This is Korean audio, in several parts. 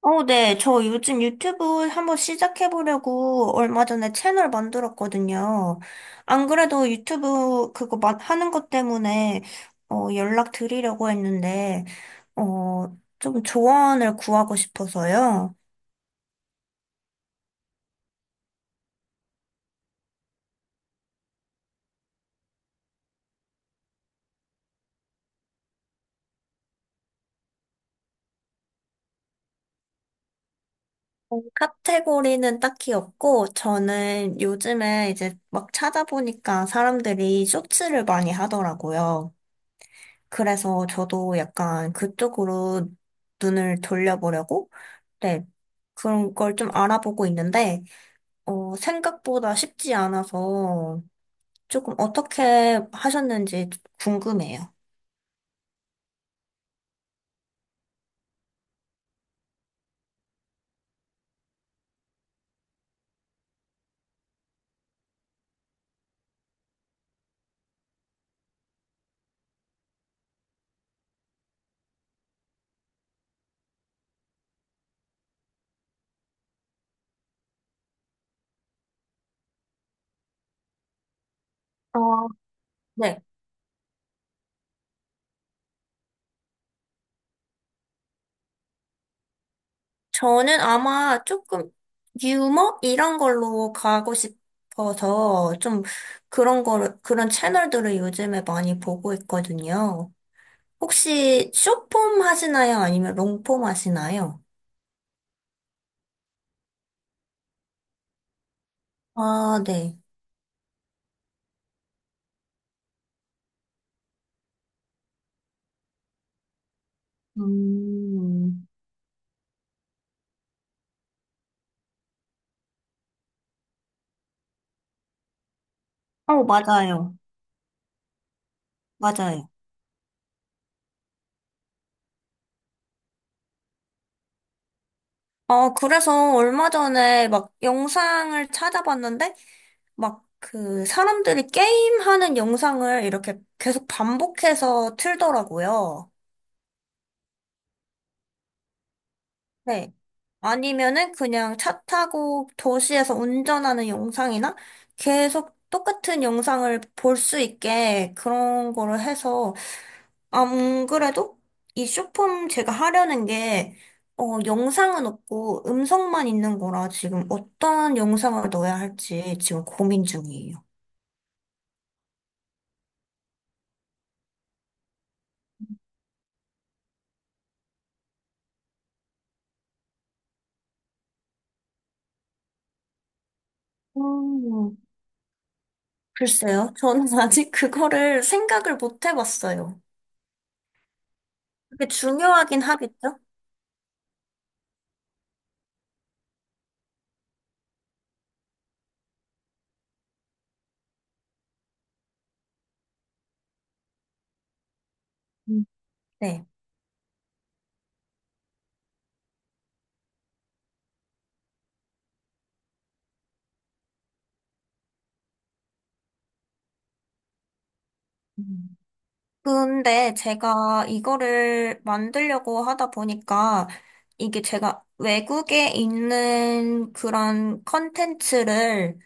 네. 저 요즘 유튜브 한번 시작해보려고 얼마 전에 채널 만들었거든요. 안 그래도 유튜브 그거 하는 것 때문에 연락 드리려고 했는데, 좀 조언을 구하고 싶어서요. 카테고리는 딱히 없고, 저는 요즘에 이제 막 찾아보니까 사람들이 쇼츠를 많이 하더라고요. 그래서 저도 약간 그쪽으로 눈을 돌려보려고. 네. 그런 걸 좀 알아보고 있는데, 생각보다 쉽지 않아서 조금 어떻게 하셨는지 궁금해요. 어, 네. 저는 아마 조금 유머? 이런 걸로 가고 싶어서 좀 그런 거를, 그런 채널들을 요즘에 많이 보고 있거든요. 혹시 쇼폼 하시나요? 아니면 롱폼 하시나요? 아, 네. 음. 맞아요. 맞아요. 그래서 얼마 전에 막 영상을 찾아봤는데, 막 그 사람들이 게임하는 영상을 이렇게 계속 반복해서 틀더라고요. 네. 아니면은 그냥 차 타고 도시에서 운전하는 영상이나 계속 똑같은 영상을 볼 수 있게 그런 거를 해서. 안 그래도 이 쇼폼 제가 하려는 게, 영상은 없고 음성만 있는 거라 지금 어떤 영상을 넣어야 할지 지금 고민 중이에요. 음, 글쎄요. 저는 아직 그거를 생각을 못 해봤어요. 그게 중요하긴 하겠죠? 음. 네. 음. 근데 제가 이거를 만들려고 하다 보니까 이게 제가 외국에 있는 그런 컨텐츠를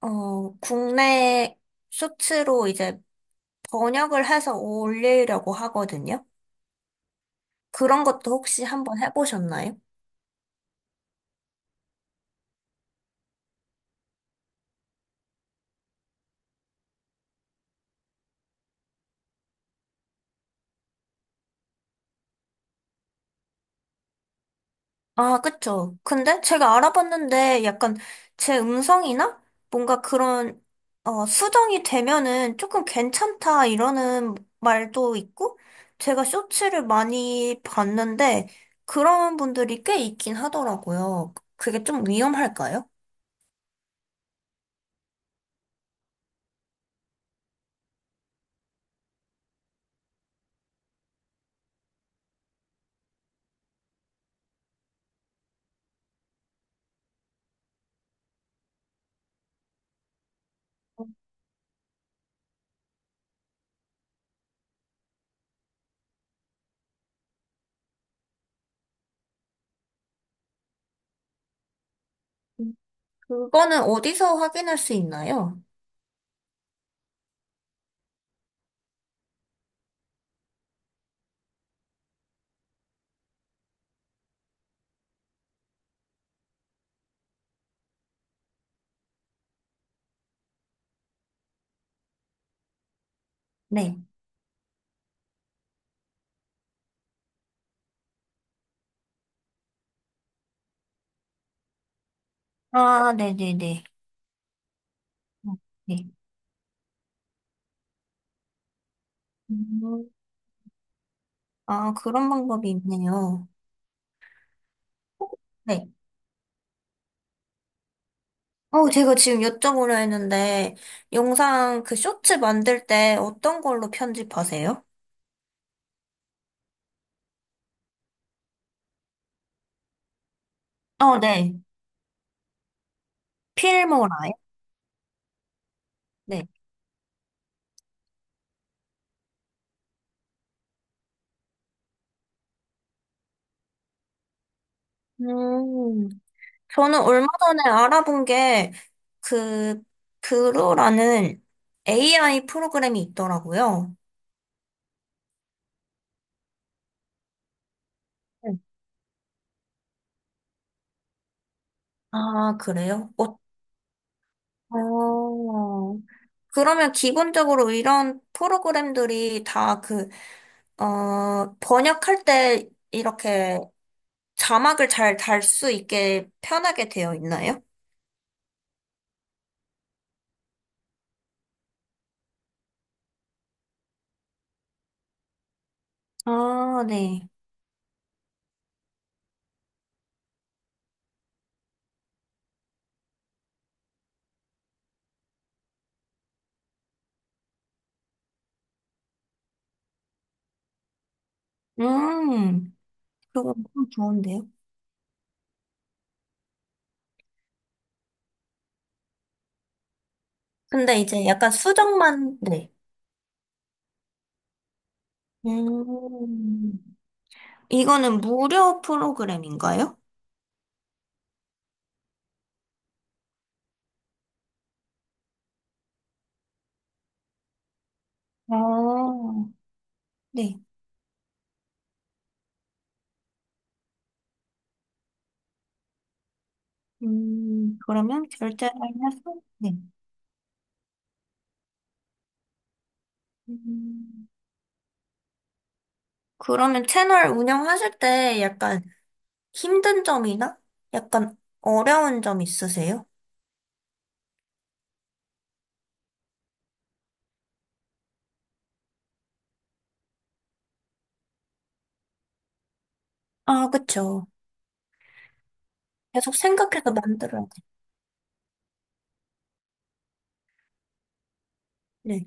국내 쇼츠로 이제 번역을 해서 올리려고 하거든요. 그런 것도 혹시 한번 해보셨나요? 아, 그쵸. 근데 제가 알아봤는데 약간 제 음성이나 뭔가 그런, 수정이 되면은 조금 괜찮다 이러는 말도 있고, 제가 쇼츠를 많이 봤는데 그런 분들이 꽤 있긴 하더라고요. 그게 좀 위험할까요? 그거는 어디서 확인할 수 있나요? 네. 아, 네네네. 어, 네. 음. 아, 그런 방법이 있네요. 네. 제가 지금 여쭤보려 했는데, 영상 그 쇼츠 만들 때 어떤 걸로 편집하세요? 어, 네. 필모라요? 네. 음, 저는 얼마 전에 알아본 게, 그, 그루라는 AI 프로그램이 있더라고요. 네. 아, 그래요? 어. 어, 그러면 기본적으로 이런 프로그램들이 다 그, 번역할 때 이렇게 자막을 잘 달 수 있게 편하게 되어 있나요? 아, 네. 음, 그거 엄청 좋은데요? 근데 이제 약간 수정만, 네. 음, 이거는 무료 프로그램인가요? 아, 네. 그러면 결제를 해서, 네. 음, 그러면 채널 운영하실 때 약간 힘든 점이나 약간 어려운 점 있으세요? 아, 그쵸. 계속 생각해서 만들어야 돼. 네.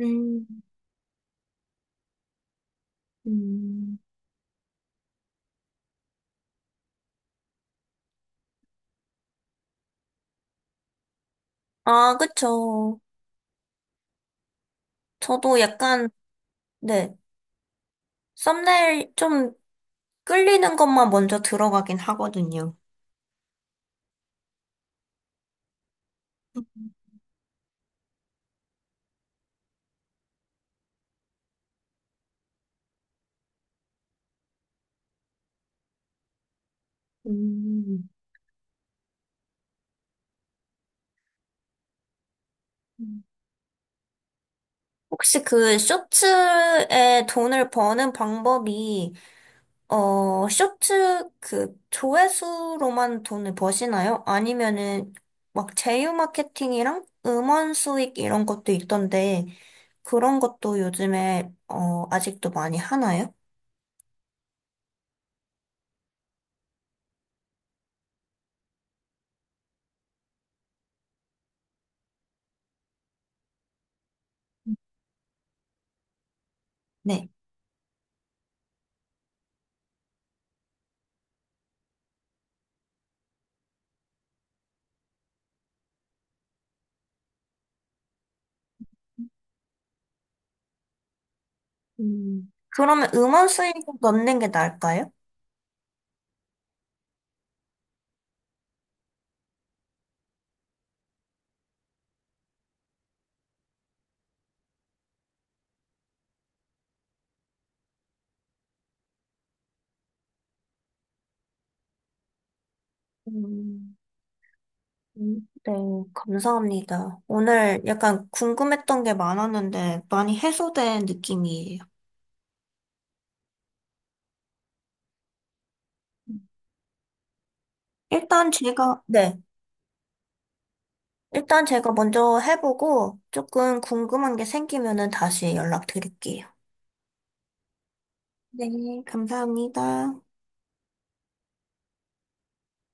음. 음. 아, 그쵸. 저도 약간, 네. 썸네일 좀 끌리는 것만 먼저 들어가긴 하거든요. 음. 혹시 그 쇼츠에 돈을 버는 방법이, 쇼츠 그 조회수로만 돈을 버시나요? 아니면은 막 제휴 마케팅이랑 음원 수익 이런 것도 있던데 그런 것도 요즘에 아직도 많이 하나요? 네. 그러면 음원 수익 넣는 게 나을까요? 음. 음. 네, 감사합니다. 오늘 약간 궁금했던 게 많았는데 많이 해소된 느낌이에요. 일단 제가, 네. 일단 제가 먼저 해보고 조금 궁금한 게 생기면은 다시 연락드릴게요. 네, 감사합니다.